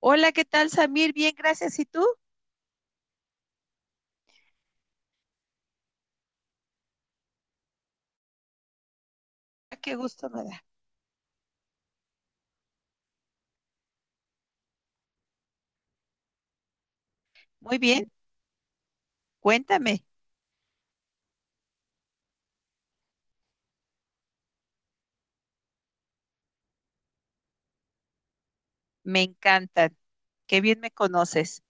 Hola, ¿qué tal, Samir? Bien, gracias. ¿Y tú? Ah, qué gusto me da. Muy bien, cuéntame. Me encantan. Qué bien me conoces.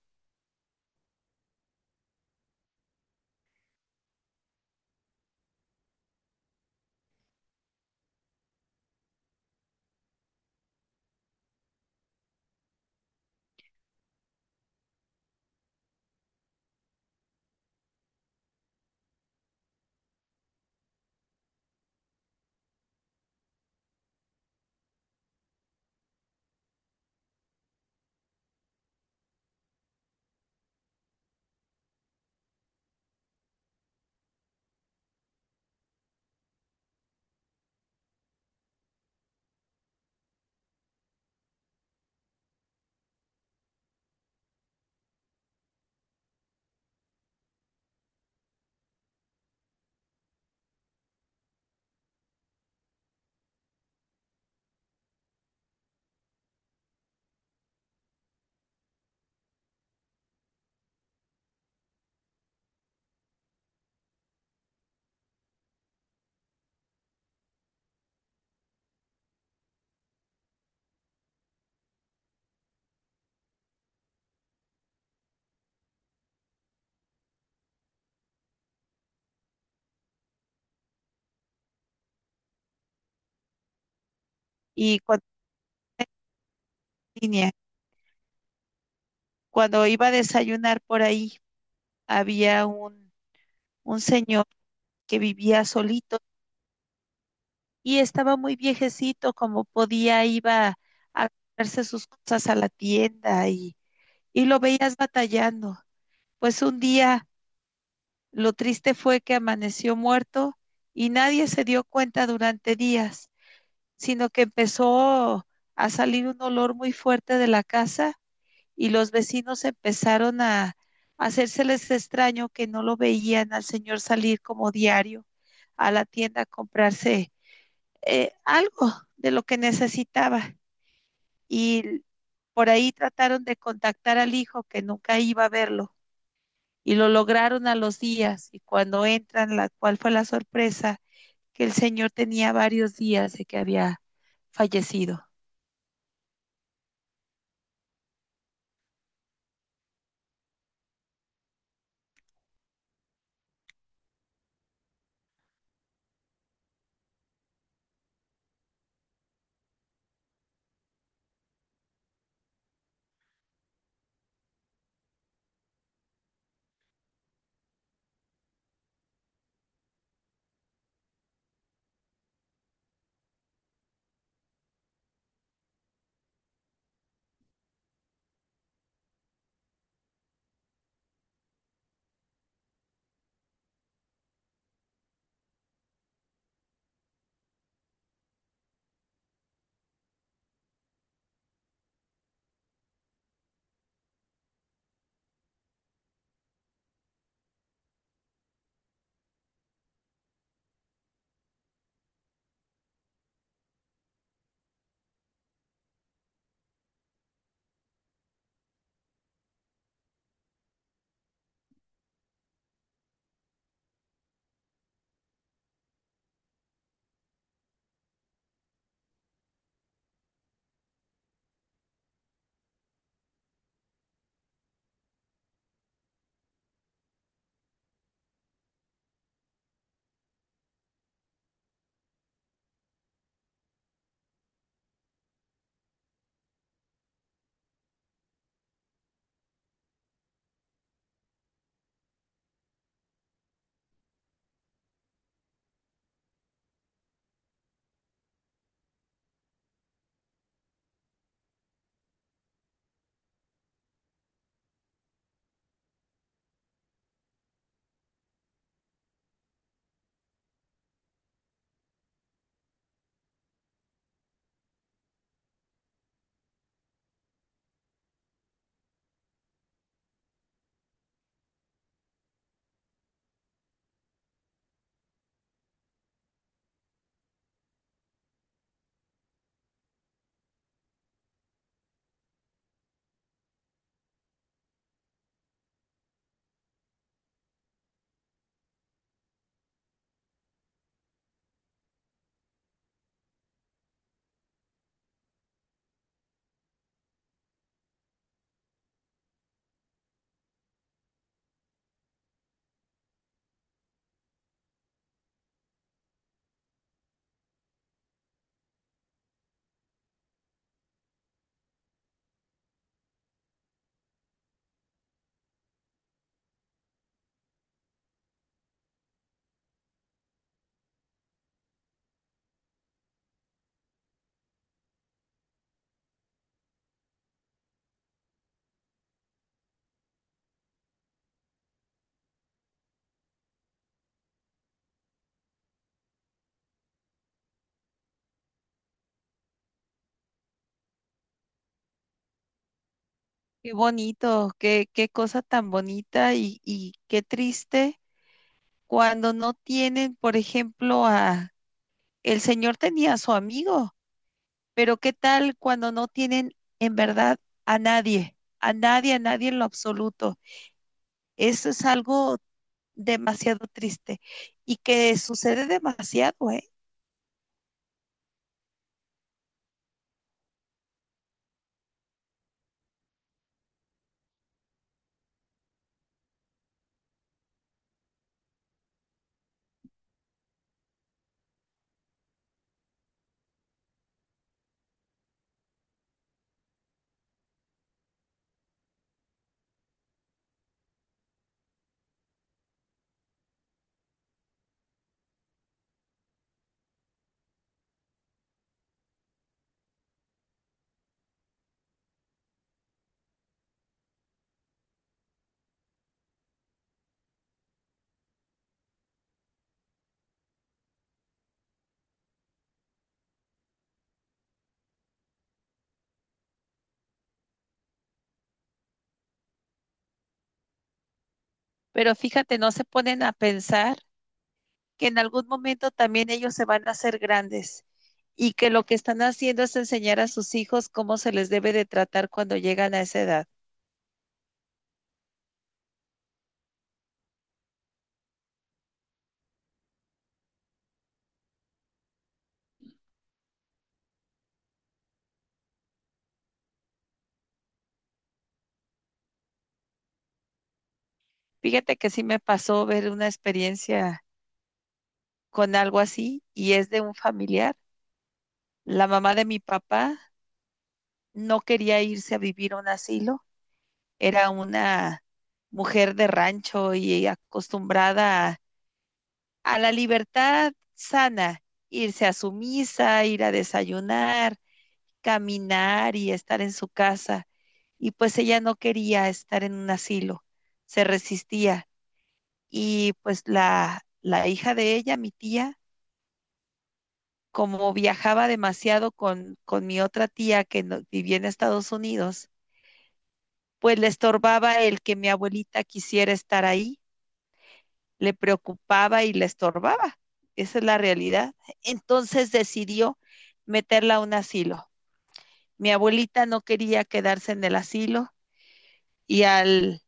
Y cuando niña, cuando iba a desayunar por ahí, había un señor que vivía solito y estaba muy viejecito, como podía, iba a comprarse sus cosas a la tienda y lo veías batallando. Pues un día lo triste fue que amaneció muerto y nadie se dio cuenta durante días, sino que empezó a salir un olor muy fuerte de la casa y los vecinos empezaron a hacérseles extraño que no lo veían al señor salir como diario a la tienda a comprarse algo de lo que necesitaba. Y por ahí trataron de contactar al hijo que nunca iba a verlo y lo lograron a los días y cuando entran, la cual fue la sorpresa que el señor tenía varios días de que había fallecido. Qué bonito, qué, qué cosa tan bonita y qué triste cuando no tienen, por ejemplo, a, el señor tenía a su amigo, pero qué tal cuando no tienen en verdad a nadie, a nadie, a nadie en lo absoluto. Eso es algo demasiado triste y que sucede demasiado, ¿eh? Pero fíjate, no se ponen a pensar que en algún momento también ellos se van a hacer grandes y que lo que están haciendo es enseñar a sus hijos cómo se les debe de tratar cuando llegan a esa edad. Fíjate que sí me pasó ver una experiencia con algo así y es de un familiar. La mamá de mi papá no quería irse a vivir a un asilo, era una mujer de rancho y acostumbrada a la libertad sana, irse a su misa, ir a desayunar, caminar y estar en su casa. Y pues ella no quería estar en un asilo, se resistía. Y pues la hija de ella, mi tía, como viajaba demasiado con mi otra tía que vivía en Estados Unidos, pues le estorbaba el que mi abuelita quisiera estar ahí, le preocupaba y le estorbaba. Esa es la realidad. Entonces decidió meterla a un asilo. Mi abuelita no quería quedarse en el asilo y al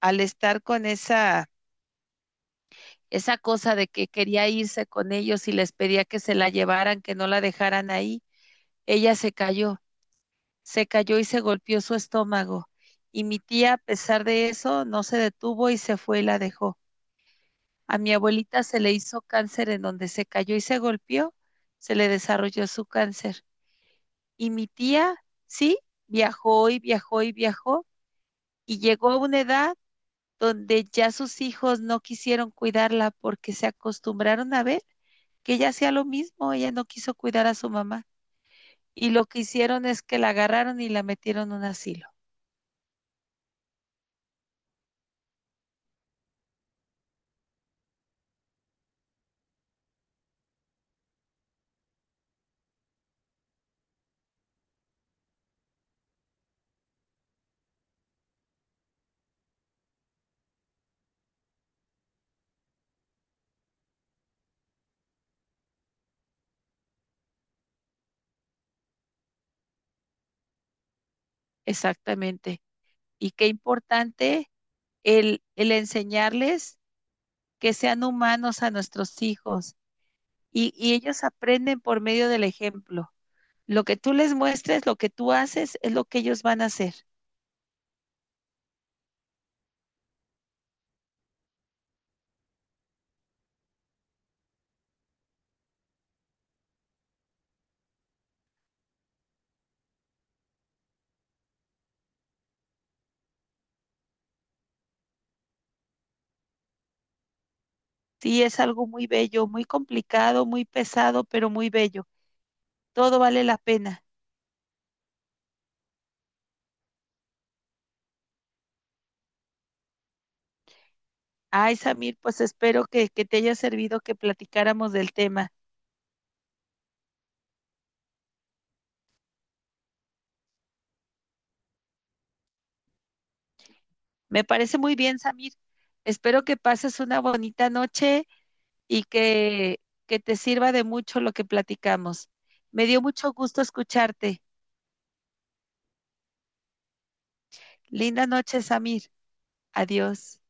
al estar con esa, esa cosa de que quería irse con ellos y les pedía que se la llevaran, que no la dejaran ahí, ella se cayó y se golpeó su estómago. Y mi tía, a pesar de eso, no se detuvo y se fue y la dejó. A mi abuelita se le hizo cáncer en donde se cayó y se golpeó, se le desarrolló su cáncer. Y mi tía, sí, viajó y viajó y viajó y llegó a una edad donde ya sus hijos no quisieron cuidarla porque se acostumbraron a ver que ella hacía lo mismo, ella no quiso cuidar a su mamá. Y lo que hicieron es que la agarraron y la metieron en un asilo. Exactamente. Y qué importante el enseñarles que sean humanos a nuestros hijos. Y ellos aprenden por medio del ejemplo. Lo que tú les muestres, lo que tú haces, es lo que ellos van a hacer. Sí, es algo muy bello, muy complicado, muy pesado, pero muy bello, todo vale la pena. Ay, Samir, pues espero que te haya servido que platicáramos del tema. Me parece muy bien, Samir. Espero que pases una bonita noche y que te sirva de mucho lo que platicamos. Me dio mucho gusto escucharte. Linda noche, Samir. Adiós.